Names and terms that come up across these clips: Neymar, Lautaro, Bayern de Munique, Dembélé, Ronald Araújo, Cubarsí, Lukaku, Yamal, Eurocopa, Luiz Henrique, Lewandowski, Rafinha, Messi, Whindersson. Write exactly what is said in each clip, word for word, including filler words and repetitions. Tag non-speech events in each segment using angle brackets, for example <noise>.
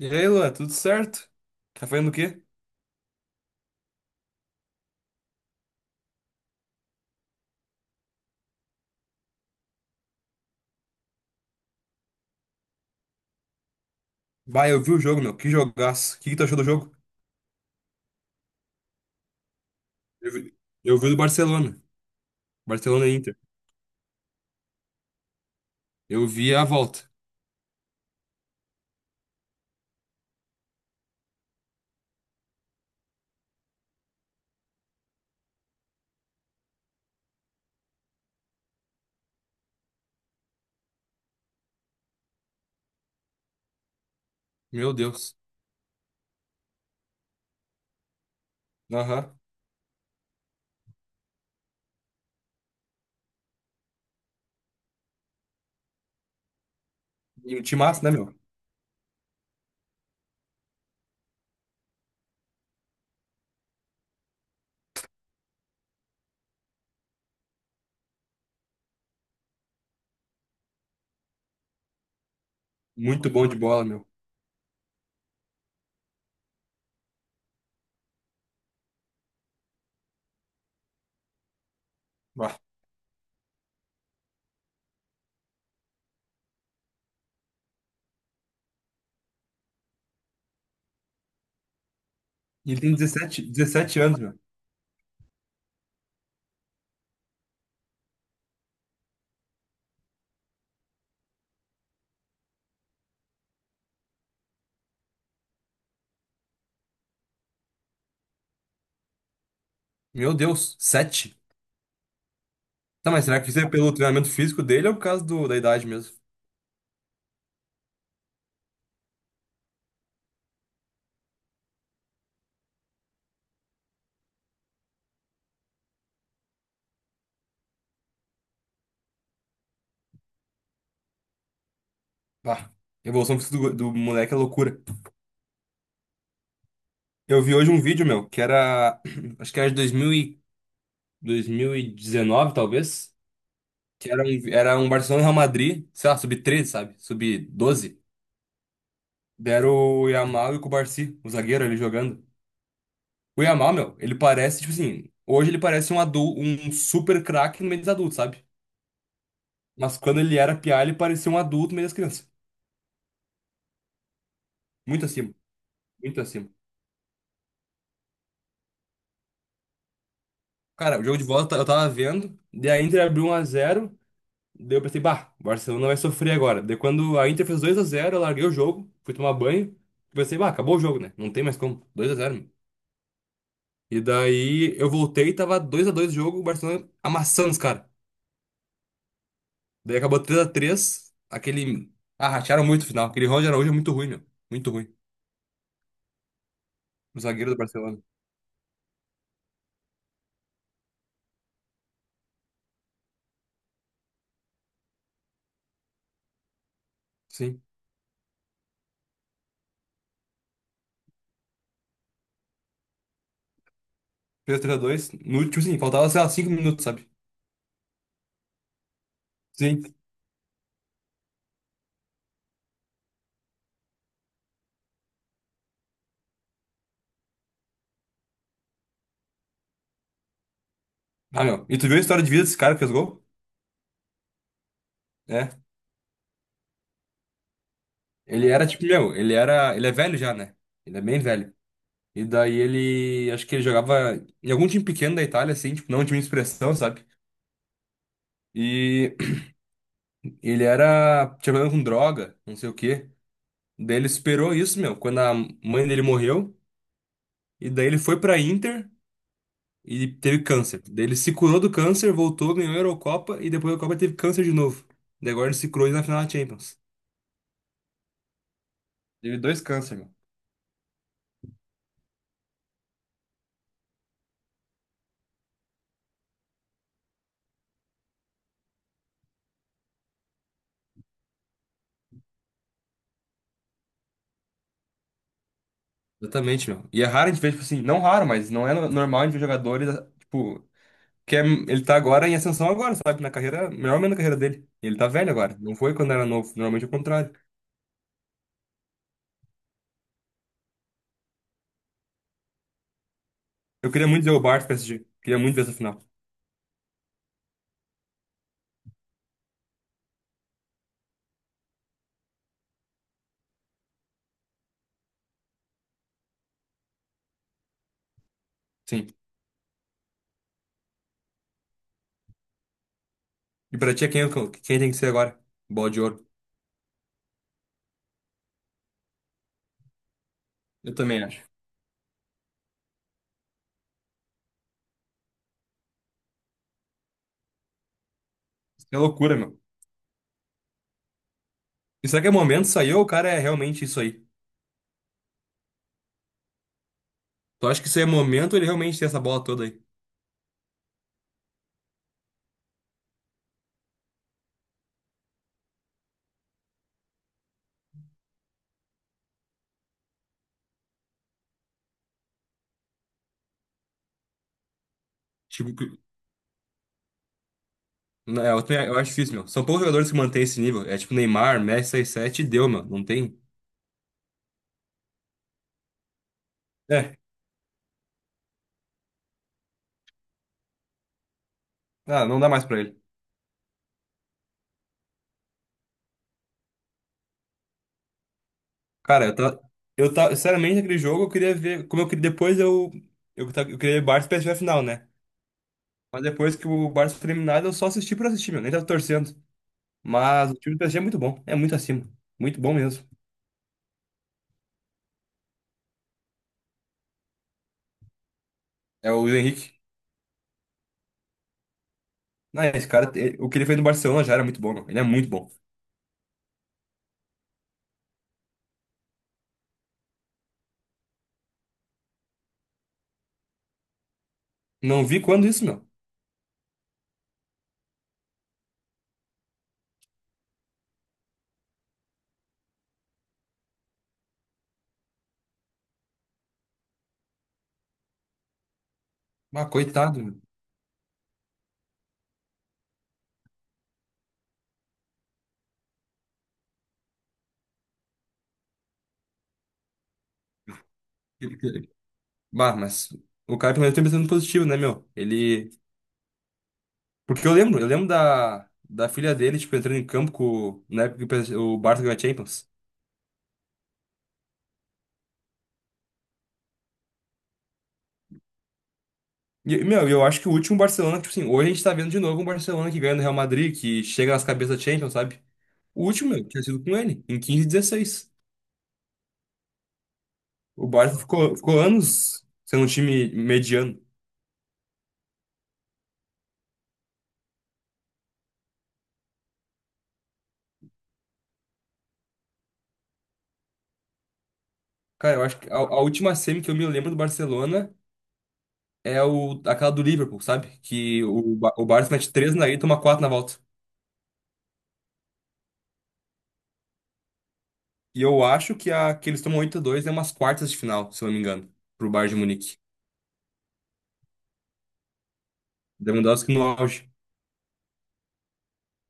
E aí, Luan, tudo certo? Tá fazendo o quê? Bah, eu vi o jogo, meu. Que jogaço. O que que tu achou do jogo? Eu vi, eu vi do Barcelona. Barcelona e Inter. Eu vi a volta. Meu Deus. Aham. E um timaço, né, meu? Muito bom de bola, meu. Bah. E ele tem dezessete, dezessete anos, meu. Meu Deus, sete. Tá, mas será que isso é pelo treinamento físico dele ou por causa do, da idade mesmo? Bah. A evolução física do, do moleque é loucura. Eu vi hoje um vídeo, meu, que era. <clears throat> Acho que era de dois mil e, dois mil e dezenove, talvez. Que era um, era um Barcelona e Real Madrid, sei lá, sub treze, sabe? Sub doze. Deram o Yamal e o Cubarsí, o zagueiro ali jogando. O Yamal, meu, ele parece, tipo assim, hoje ele parece um adulto, um super craque no meio dos adultos, sabe? Mas quando ele era piá, ele parecia um adulto no meio das crianças. Muito acima, muito acima. Cara, o jogo de volta eu tava vendo, daí a Inter abriu um a zero, daí eu pensei, bah, o Barcelona vai sofrer agora. Daí quando a Inter fez dois a zero, eu larguei o jogo, fui tomar banho, pensei, bah, acabou o jogo, né? Não tem mais como, dois a zero. E daí eu voltei, tava dois a dois o jogo, o Barcelona amassando os caras. Daí acabou três a três aquele. Ah, ratearam muito o final. Aquele Ronald Araújo é muito ruim, meu. Muito ruim. O zagueiro do Barcelona. Sim. Fez três x dois no último, sim, faltava, sei lá, cinco minutos, sabe? Sim. Ah, meu. E tu viu a história de vida desse cara que fez gol? É. Ele era tipo, meu, ele era. Ele é velho já, né? Ele é bem velho. E daí ele. Acho que ele jogava em algum time pequeno da Itália, assim, tipo, não um time de expressão, sabe? E <clears throat> ele era. Tinha problema com droga, não sei o quê. Daí ele esperou isso, meu, quando a mãe dele morreu. E daí ele foi pra Inter e teve câncer. Daí ele se curou do câncer, voltou, ganhou a Eurocopa e depois da Copa teve câncer de novo. Daí agora ele se curou na final da Champions. Teve dois câncer, meu. Exatamente, meu. E é raro a gente ver, tipo assim, não raro, mas não é no- normal a gente ver jogadores, tipo, que é- ele tá agora em ascensão agora, sabe? Na carreira, melhor ou menos na carreira dele. E ele tá velho agora. Não foi quando era novo, normalmente é o contrário. Eu queria muito ver o Barça P S G. Queria muito ver essa final. Sim. E pra ti, é quem, é o- quem tem que ser agora? Bola de ouro. Eu também acho. Isso é loucura, meu. E será que é momento isso aí ou o cara é realmente isso aí? Tu acha que isso aí é momento ou ele realmente tem essa bola toda aí? Tipo, que- Não, é, eu, também- eu acho difícil, meu. São poucos jogadores que mantêm esse nível. É tipo Neymar, Messi seis a sete e deu, meu. Não tem. É, ah, não dá mais pra ele. Cara, eu tá. Eu tá. Sinceramente, aquele jogo eu queria ver. Como eu queria. Depois eu. Eu, ta- eu queria ver Barça e P S V final, né? Mas depois que o Barça foi eliminado, eu só assisti por assistir, meu. Nem tava torcendo. Mas o time do P S G é muito bom. É muito acima. Muito bom mesmo. É o Luiz Henrique. Não, esse cara, ele- o que ele fez no Barcelona já era muito bom, meu. Ele é muito bom. Não vi quando isso, meu. Ah, coitado, meu. Ele- ele- Bah, mas o cara pelo menos tem um pensamento positivo, né, meu? Ele. Porque eu lembro, eu lembro da, da filha dele, tipo, entrando em campo com, na época que o Barça ganhou a Champions. E, meu, eu acho que o último Barcelona, tipo assim, hoje a gente tá vendo de novo um Barcelona que ganha no Real Madrid, que chega nas cabeças da Champions, sabe? O último, meu, tinha sido com ele, em quinze e dezesseis. O Barça ficou, ficou anos sendo um time mediano. Cara, eu acho que a, a última semi que eu me lembro do Barcelona é o, aquela do Liverpool, sabe? Que o, Ba- o Barça mete três na ida e toma quatro na volta. E eu acho que a que eles tomam oito a dois é umas quartas de final, se eu não me engano, pro Bayern de Munique. Lewandowski no auge.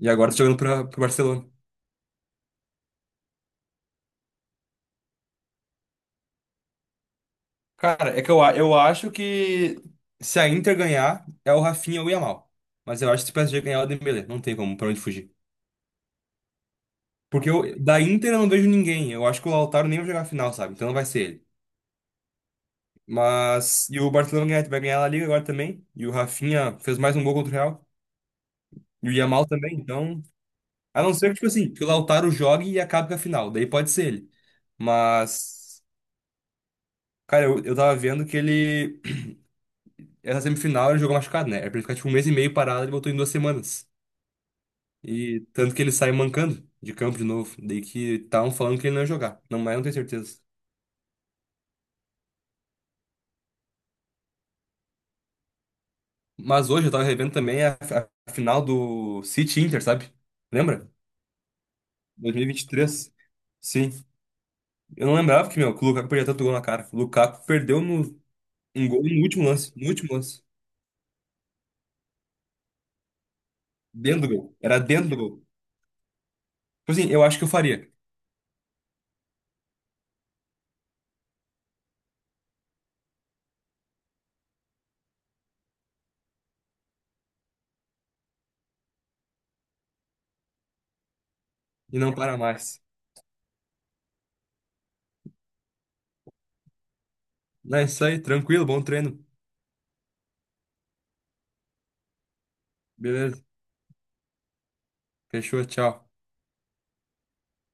E agora tá jogando pra, pro Barcelona. Cara, é que eu, a- eu acho que se a Inter ganhar, é o Rafinha ou o Yamal. Mas eu acho que se o P S G ganhar, é o Dembélé. Não tem como, pra onde fugir. Porque eu- da Inter eu não vejo ninguém. Eu acho que o Lautaro nem vai jogar a final, sabe? Então não vai ser ele. Mas. E o Barcelona ganha- vai ganhar a Liga agora também. E o Rafinha fez mais um gol contra o Real. E o Yamal também. Então. A não ser que, tipo assim, que o Lautaro jogue e acabe com a final. Daí pode ser ele. Mas. Cara, eu, eu tava vendo que ele. <clears throat> Essa semifinal ele jogou machucado, né? Era pra ele ficar tipo um mês e meio parado, ele botou em duas semanas. E tanto que ele sai mancando de campo de novo. Daí que estavam falando que ele não ia jogar. Não, mas eu não tenho certeza. Mas hoje eu tava revendo também a, a final do City Inter, sabe? Lembra? dois mil e vinte e três. Sim. Eu não lembrava que, meu, que o Lukaku perdia tanto gol na cara. O Lukaku perdeu no, um gol no último lance. No último lance. Dentro do gol. Era dentro do gol. Tipo assim, eu acho que eu faria. E não para mais. Não, é isso aí. Tranquilo, bom treino. Beleza. Fechou, tchau.